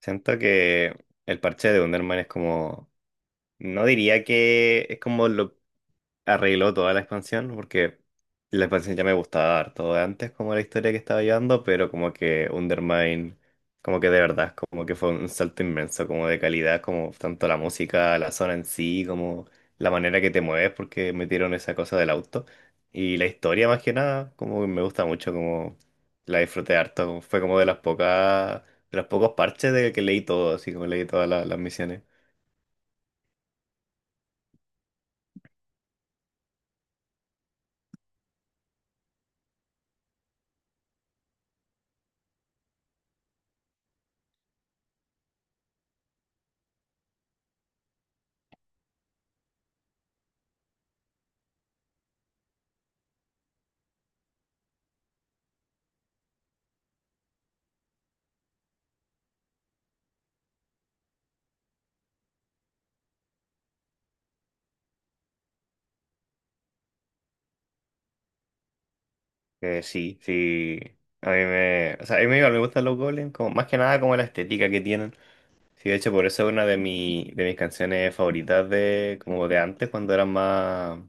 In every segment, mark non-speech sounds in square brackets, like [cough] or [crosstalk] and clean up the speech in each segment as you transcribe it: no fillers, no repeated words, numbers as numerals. Siento que el parche de Wonderman es como no diría que es como lo arregló toda la expansión, porque la expansión ya me gustaba harto de antes, como la historia que estaba llevando, pero como que Undermine, como que de verdad, como que fue un salto inmenso, como de calidad, como tanto la música, la zona en sí, como la manera que te mueves, porque metieron esa cosa del auto. Y la historia más que nada, como que me gusta mucho, como la disfruté harto, como fue como de las pocas, de los pocos parches de que leí todo, así como leí todas las misiones. Sí, sí. A mí me, o sea, a mí igual me gustan los golems, como, más que nada como la estética que tienen. Sí, de hecho, por eso es una de, mi, de mis canciones favoritas de, como de antes, cuando eran más,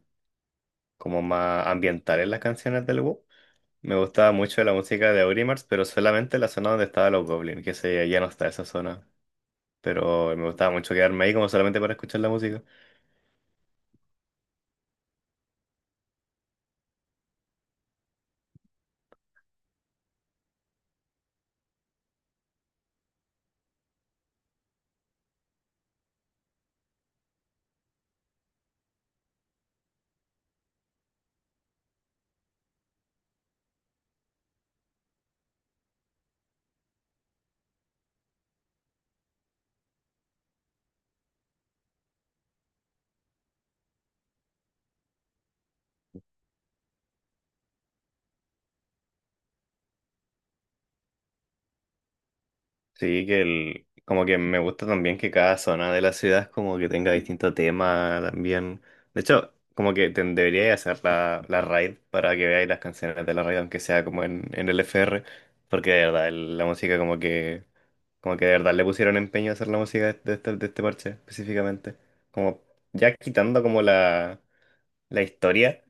como más ambientales las canciones del WoW. Me gustaba mucho la música de Aurimars, pero solamente la zona donde estaban los goblins, que se, ya no está esa zona. Pero me gustaba mucho quedarme ahí como solamente para escuchar la música. Sí, que el, como que me gusta también que cada zona de la ciudad como que tenga distinto tema también. De hecho, como que te, debería hacer la, la raid para que veáis las canciones de la raid, aunque sea como en el FR, porque de verdad la música como que de verdad le pusieron empeño a hacer la música de este parche específicamente. Como ya quitando como la historia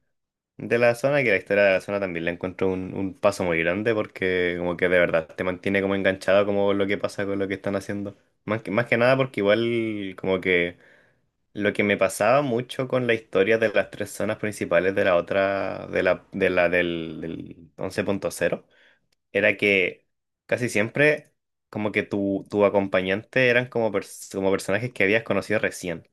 de la zona, que la historia de la zona también la encuentro un paso muy grande porque como que de verdad te mantiene como enganchado como lo que pasa con lo que están haciendo. Más que nada porque igual como que lo que me pasaba mucho con la historia de las tres zonas principales de la otra, de la del, del 11.0 era que casi siempre como que tu acompañante eran como, como personajes que habías conocido recién.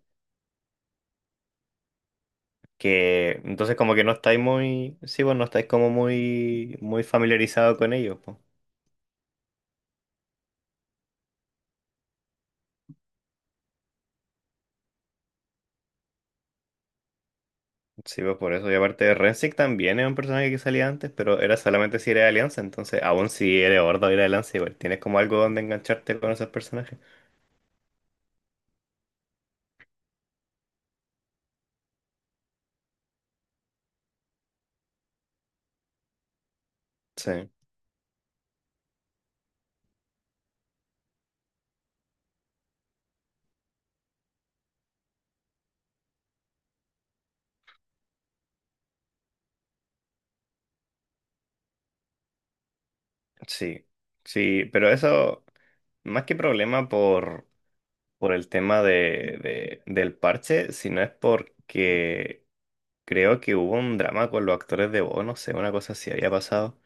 Que entonces como que no estáis muy, sí, pues no estáis como muy, muy familiarizado con ellos, pues. Sí, pues por eso. Y aparte, de Rensic también era un personaje que salía antes, pero era solamente si era de Alianza, entonces aún si eres Horda o era de Alianza, igual tienes como algo donde engancharte con esos personajes. Sí, sí, sí, pero eso, más que problema por el tema de, del parche, sino es porque creo que hubo un drama con los actores de voz, no sé, una cosa así había pasado.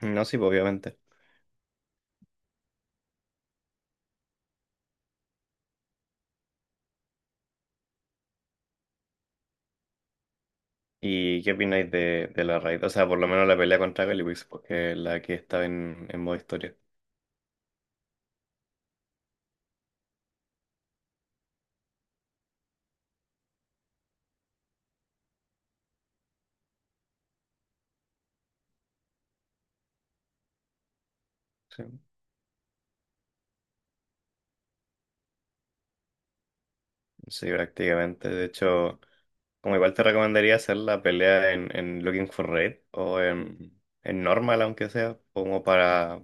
No, sí, pues, obviamente. ¿Y qué opináis de la raid? O sea, por lo menos la pelea contra Calipix, porque es la que estaba en modo historia. Sí, sí, prácticamente. De hecho, como igual te recomendaría hacer la pelea en Looking for Raid o en Normal, aunque sea, como para...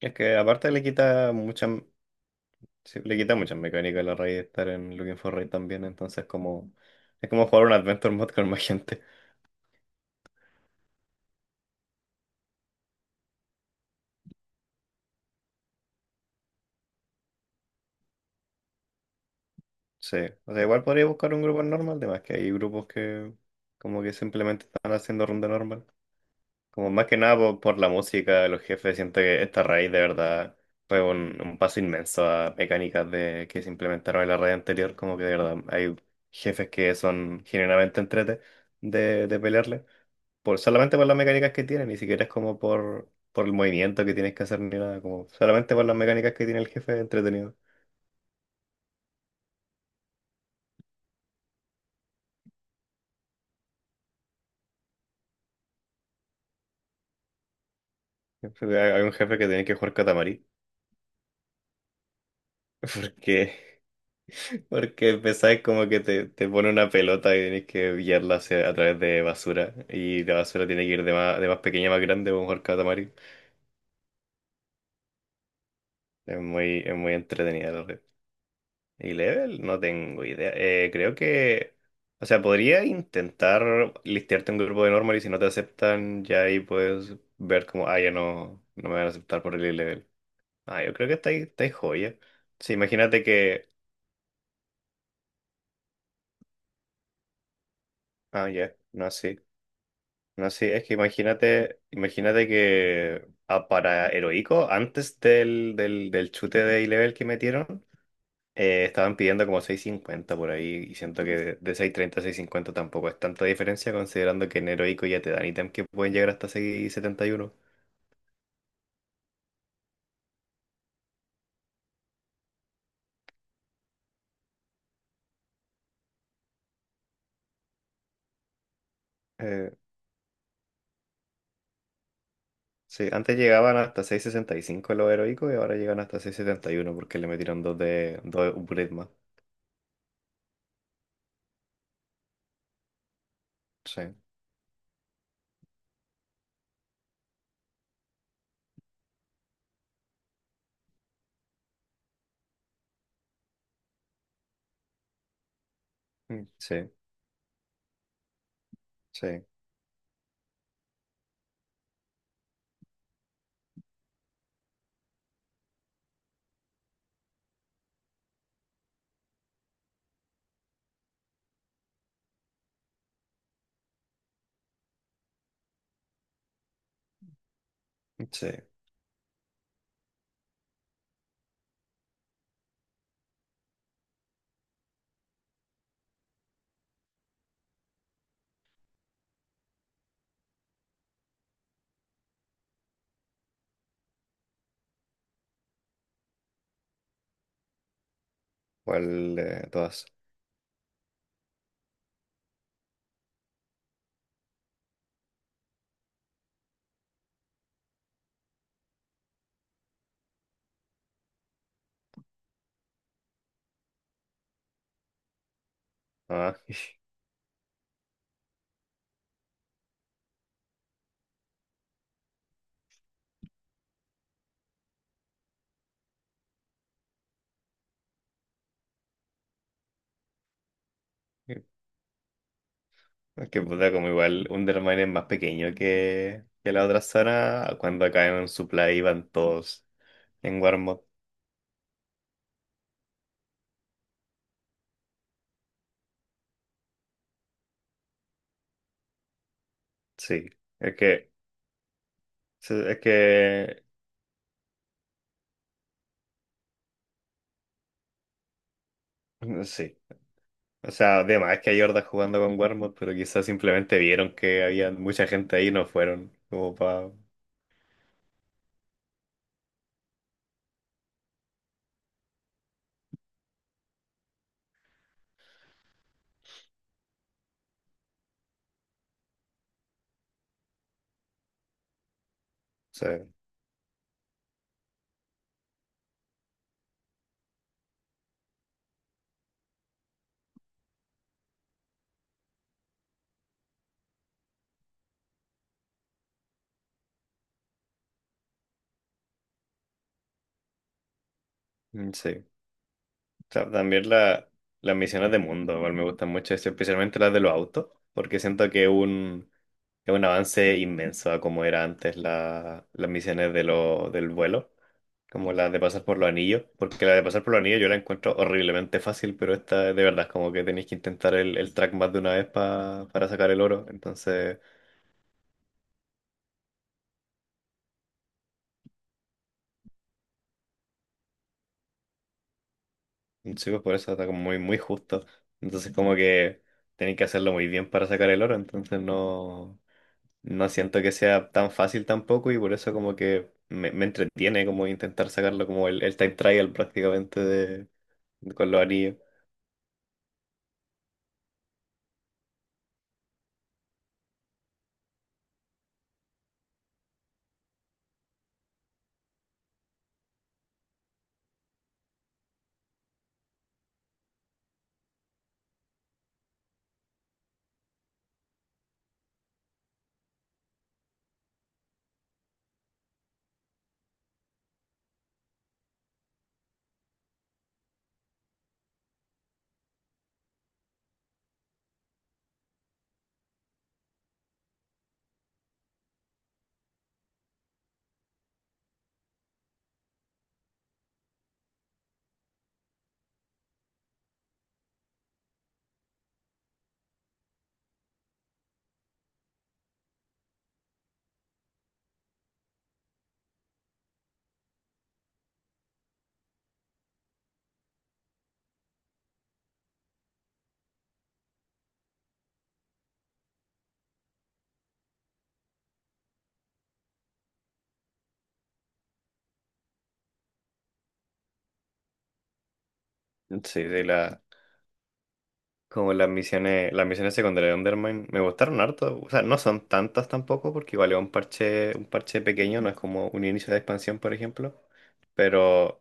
Es que aparte le quita mucha, sí, le quita muchas mecánicas a la raid estar en Looking for Raid también, entonces como... Es como jugar un Adventure Mod con más gente. Sí, o sea, igual podría buscar un grupo normal, además que hay grupos que como que simplemente están haciendo ronda normal. Como más que nada por, por la música, los jefes, siento que esta raíz de verdad fue un paso inmenso a mecánicas de, que se implementaron en la raid anterior, como que de verdad hay jefes que son genuinamente entrete de pelearle, por, solamente por las mecánicas que tienen, ni siquiera es como por el movimiento que tienes que hacer ni nada, como solamente por las mecánicas que tiene el jefe es entretenido. Hay un jefe que tiene que jugar Katamari. Que Porque empezáis como que te pone una pelota y tenéis que guiarla hacia- a través de basura. Y la basura tiene que ir de más pequeña a más grande, o mejor catamari. Es muy entretenida la red. Y level, no tengo idea. Creo que. O sea, podría intentar listearte un grupo de normal y si no te aceptan, ya ahí puedes ver como, ah, ya no, no me van a aceptar por el level. Ah, yo creo que está ahí joya. Sí, imagínate que. Ah, ya, no, sí. No sé, es que imagínate, imagínate que ah, para Heroico, antes del, del, del chute de A-Level que metieron, estaban pidiendo como seis cincuenta por ahí, y siento que de seis treinta a seis cincuenta tampoco es tanta diferencia, considerando que en Heroico ya te dan ítems que pueden llegar hasta 671. Eh, sí, antes llegaban hasta 665 los Heroicos y ahora llegan hasta seis setenta y uno porque le metieron dos de dos upgrades más. Sí, mm, sí, sí, sí. ¿Cuál de todas? Ah. [laughs] Es que puta, como igual Undermine es más pequeño que la otra zona. Cuando caen en supply van todos en Warmod. Sí. Es que. Sí, es que. Mm, sí. O sea, además es que hay hordas jugando con Warmod, pero quizás simplemente vieron que había mucha gente ahí y no fueron. Como para. Sí. También las misiones de mundo, igual me gustan mucho, eso, especialmente las de los autos, porque siento que es un avance inmenso a como era antes las misiones de lo, del vuelo, como las de pasar por los anillos, porque la de pasar por los anillos yo la encuentro horriblemente fácil, pero esta de verdad es como que tenéis que intentar el track más de una vez para sacar el oro, entonces... Sí, pues por eso está como muy, muy justo. Entonces como que tienen que hacerlo muy bien para sacar el oro, entonces no, no siento que sea tan fácil tampoco y por eso como que me entretiene como intentar sacarlo como el time trial prácticamente de, con los anillos. Sí, de la, como las misiones secundarias de Undermine me gustaron harto. O sea, no son tantas tampoco, porque igual es un parche pequeño, no es como un inicio de expansión, por ejemplo. Pero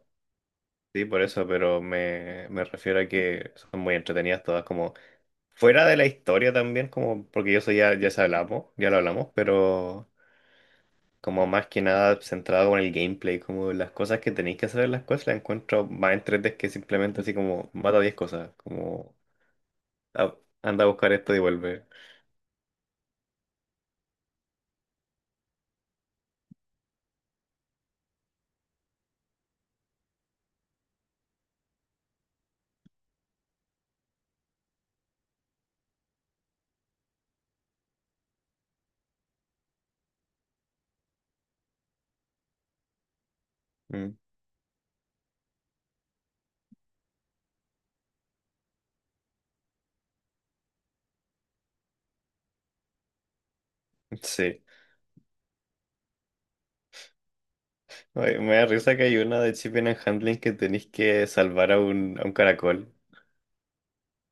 sí, por eso, pero me refiero a que son muy entretenidas todas, como fuera de la historia también, como porque yo soy ya, ya se hablamos, ya lo hablamos, pero como más que nada centrado con el gameplay, como las cosas que tenéis que hacer en las cosas, las encuentro más entretenidas que simplemente así como mata 10 cosas, como "Ah, anda a buscar esto y vuelve. Mm, sí. Oye, me da risa que hay una de Shipping and Handling que tenéis que salvar a un caracol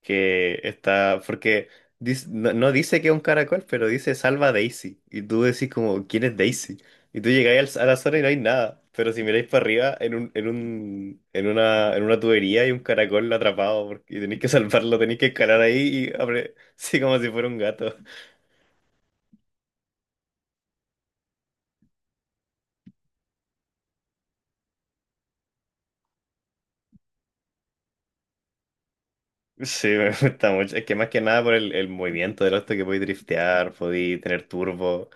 que está, porque no, no dice que es un caracol, pero dice salva a Daisy. Y tú decís como, ¿quién es Daisy? Y tú llegáis a la zona y no hay nada. Pero si miráis para arriba, en un, en un, en una tubería hay un caracol atrapado porque, y tenéis que salvarlo, tenéis que escalar ahí y abre, [laughs] sí, como si fuera un gato. Sí, me gusta mucho. Es que más que nada por el movimiento del auto que podéis driftear, podéis tener turbo.